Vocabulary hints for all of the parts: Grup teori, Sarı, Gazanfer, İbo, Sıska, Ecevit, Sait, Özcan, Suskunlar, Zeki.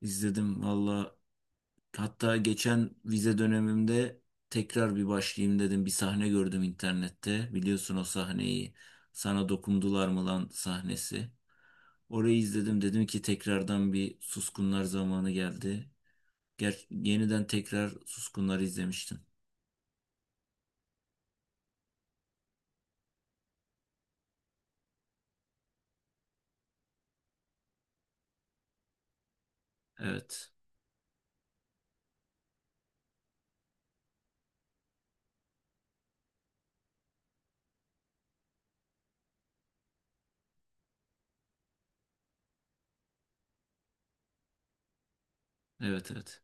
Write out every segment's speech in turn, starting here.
İzledim valla. Hatta geçen vize dönemimde tekrar bir başlayayım dedim. Bir sahne gördüm internette. Biliyorsun o sahneyi. Sana dokundular mı lan sahnesi. Orayı izledim. Dedim ki tekrardan bir Suskunlar zamanı geldi. Ger yeniden tekrar Suskunlar izlemiştim. Evet. Evet, evet.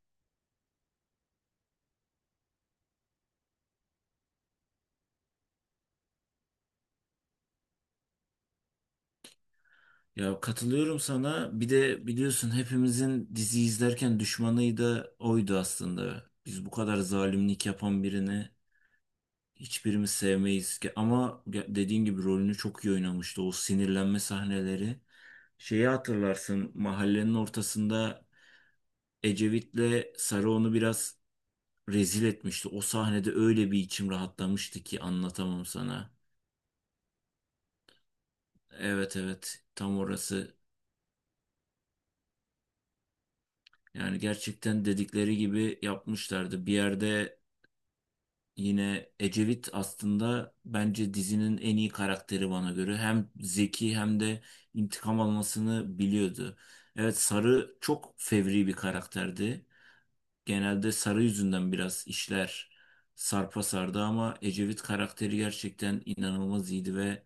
Ya katılıyorum sana. Bir de biliyorsun hepimizin dizi izlerken düşmanı da oydu aslında. Biz bu kadar zalimlik yapan birini hiçbirimiz sevmeyiz ki ama dediğin gibi rolünü çok iyi oynamıştı. O sinirlenme sahneleri. Şeyi hatırlarsın mahallenin ortasında Ecevit'le Sarı onu biraz rezil etmişti. O sahnede öyle bir içim rahatlamıştı ki anlatamam sana. Evet, evet, tam orası. Yani gerçekten dedikleri gibi yapmışlardı. Bir yerde yine Ecevit aslında bence dizinin en iyi karakteri bana göre. Hem zeki hem de intikam almasını biliyordu. Evet, Sarı çok fevri bir karakterdi. Genelde Sarı yüzünden biraz işler sarpa sardı ama Ecevit karakteri gerçekten inanılmaz iyiydi ve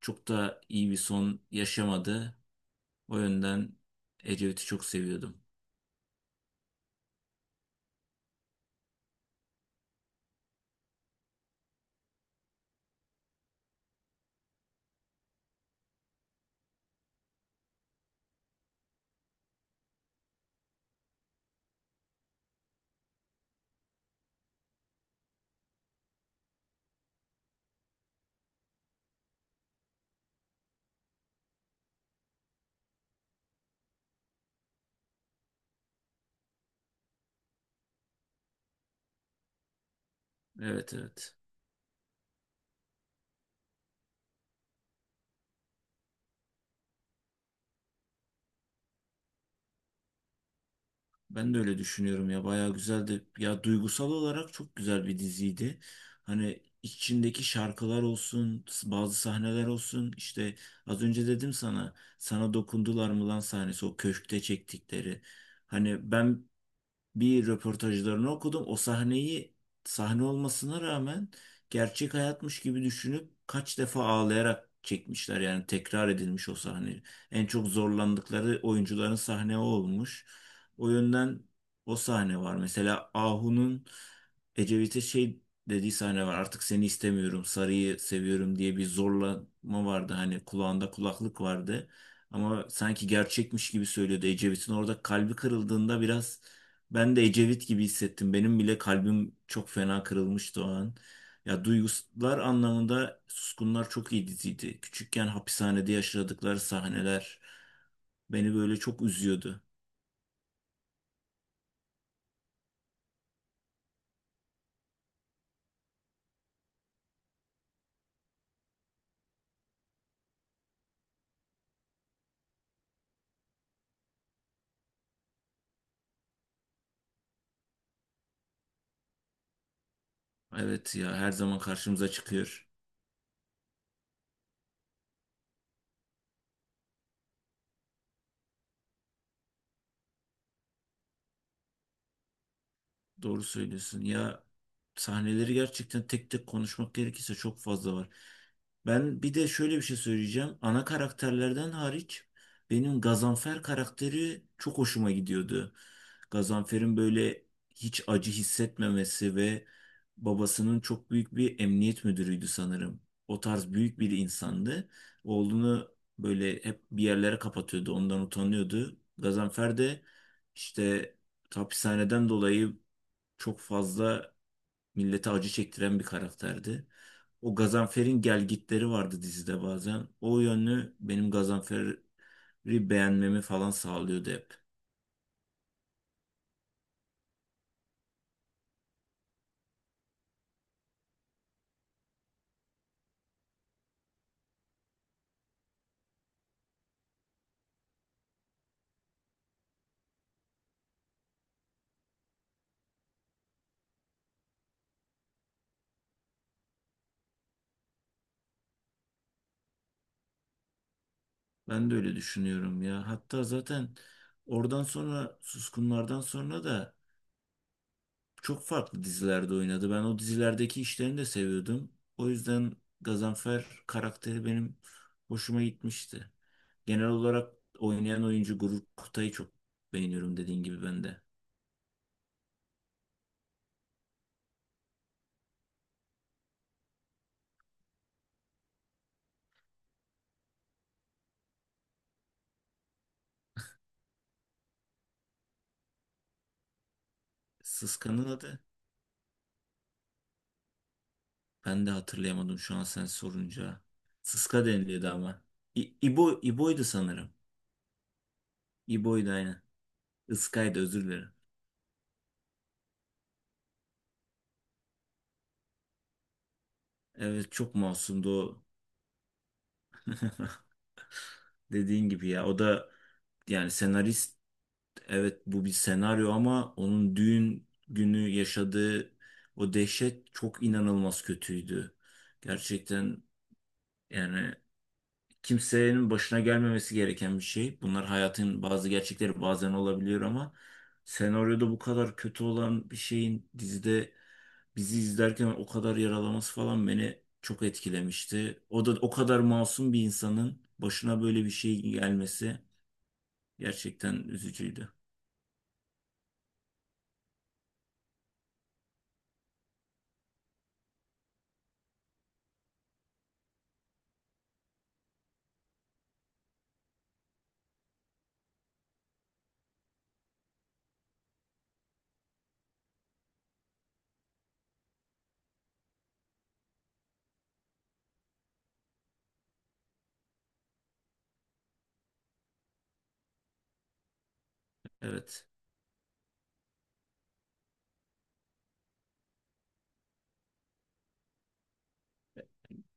çok da iyi bir son yaşamadı. O yönden Ecevit'i çok seviyordum. Evet, evet. Ben de öyle düşünüyorum ya, bayağı güzeldi. Ya duygusal olarak çok güzel bir diziydi. Hani içindeki şarkılar olsun, bazı sahneler olsun. İşte az önce dedim sana, sana dokundular mı lan sahnesi o köşkte çektikleri. Hani ben bir röportajlarını okudum. O sahneyi, sahne olmasına rağmen gerçek hayatmış gibi düşünüp kaç defa ağlayarak çekmişler. Yani tekrar edilmiş o sahne. En çok zorlandıkları oyuncuların sahne o olmuş. O yönden o sahne var. Mesela Ahu'nun Ecevit'e şey dediği sahne var. Artık seni istemiyorum, sarıyı seviyorum diye bir zorlama vardı. Hani kulağında kulaklık vardı. Ama sanki gerçekmiş gibi söylüyordu. Ecevit'in orada kalbi kırıldığında biraz ben de Ecevit gibi hissettim. Benim bile kalbim çok fena kırılmıştı o an. Ya duygular anlamında Suskunlar çok iyi diziydi. Küçükken hapishanede yaşadıkları sahneler beni böyle çok üzüyordu. Evet ya, her zaman karşımıza çıkıyor. Doğru söylüyorsun. Ya sahneleri gerçekten tek tek konuşmak gerekirse çok fazla var. Ben bir de şöyle bir şey söyleyeceğim. Ana karakterlerden hariç benim Gazanfer karakteri çok hoşuma gidiyordu. Gazanfer'in böyle hiç acı hissetmemesi ve babasının çok büyük bir emniyet müdürüydü sanırım. O tarz büyük bir insandı. Oğlunu böyle hep bir yerlere kapatıyordu, ondan utanıyordu. Gazanfer de işte hapishaneden dolayı çok fazla millete acı çektiren bir karakterdi. O Gazanfer'in gelgitleri vardı dizide bazen. O yönlü benim Gazanfer'i beğenmemi falan sağlıyordu hep. Ben de öyle düşünüyorum ya. Hatta zaten oradan sonra, Suskunlardan sonra da çok farklı dizilerde oynadı. Ben o dizilerdeki işlerini de seviyordum. O yüzden Gazanfer karakteri benim hoşuma gitmişti. Genel olarak oynayan oyuncu Gurur Kutay'ı çok beğeniyorum, dediğin gibi ben de. Sıska'nın adı ben de hatırlayamadım şu an sen sorunca. Sıska deniliyordu ama. İbo, İbo'ydu sanırım. İbo'ydu aynen. Iskay'dı, özür dilerim. Evet, çok masumdu o. Dediğin gibi ya, o da yani senarist, evet bu bir senaryo ama onun düğün günü yaşadığı o dehşet çok inanılmaz kötüydü. Gerçekten yani kimsenin başına gelmemesi gereken bir şey. Bunlar hayatın bazı gerçekleri, bazen olabiliyor ama senaryoda bu kadar kötü olan bir şeyin dizide bizi izlerken o kadar yaralaması falan beni çok etkilemişti. O da o kadar masum bir insanın başına böyle bir şey gelmesi. Gerçekten üzücüydü. Evet.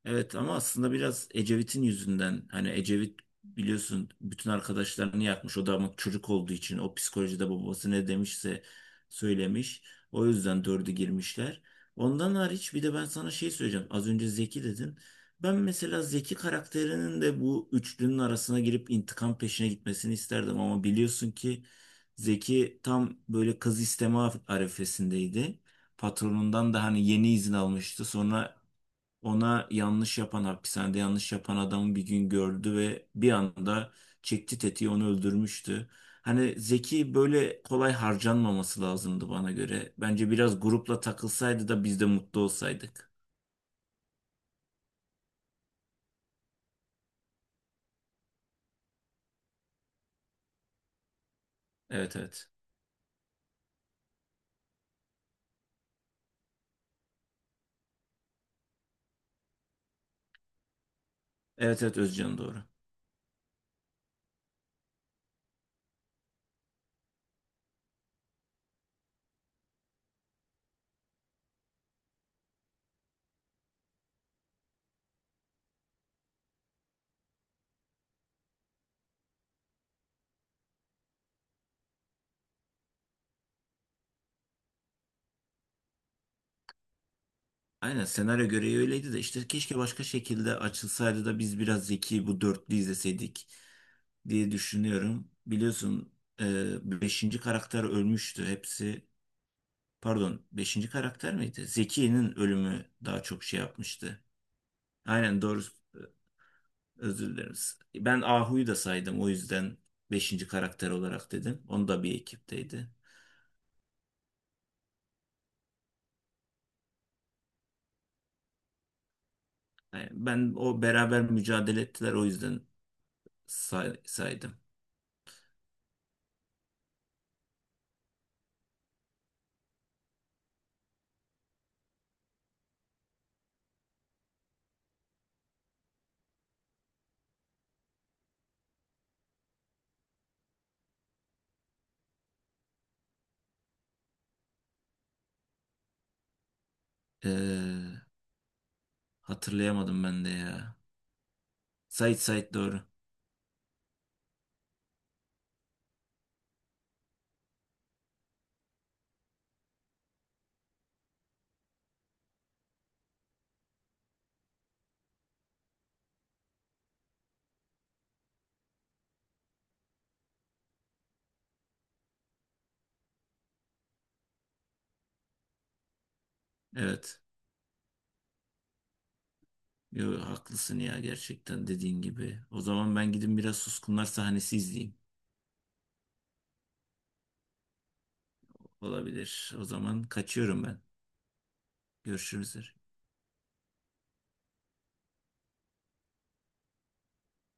Evet ama aslında biraz Ecevit'in yüzünden, hani Ecevit biliyorsun bütün arkadaşlarını yakmış. O da ama çocuk olduğu için o psikolojide babası ne demişse söylemiş. O yüzden dördü girmişler. Ondan hariç bir de ben sana şey söyleyeceğim. Az önce Zeki dedin. Ben mesela Zeki karakterinin de bu üçlünün arasına girip intikam peşine gitmesini isterdim ama biliyorsun ki Zeki tam böyle kız isteme arifesindeydi, patronundan da hani yeni izin almıştı. Sonra ona yanlış yapan, hapishanede yanlış yapan adamı bir gün gördü ve bir anda çekti tetiği, onu öldürmüştü. Hani Zeki böyle kolay harcanmaması lazımdı bana göre. Bence biraz grupla takılsaydı da biz de mutlu olsaydık. Evet, evet. Evet, evet, Özcan doğru. Aynen senaryo gereği öyleydi de işte keşke başka şekilde açılsaydı da biz biraz Zeki bu dörtlü izleseydik diye düşünüyorum. Biliyorsun, beşinci karakter ölmüştü hepsi. Pardon, beşinci karakter miydi? Zeki'nin ölümü daha çok şey yapmıştı. Aynen doğru. Özür dileriz. Ben Ahu'yu da saydım. O yüzden beşinci karakter olarak dedim. Onu da bir ekipteydi. Yani ben o beraber mücadele ettiler. O yüzden saydım. Ee, hatırlayamadım ben de ya. Sait, Sait doğru. Evet. Yo, haklısın ya, gerçekten dediğin gibi. O zaman ben gidin biraz Suskunlar sahnesi izleyeyim. Olabilir. O zaman kaçıyorum ben. Görüşürüz.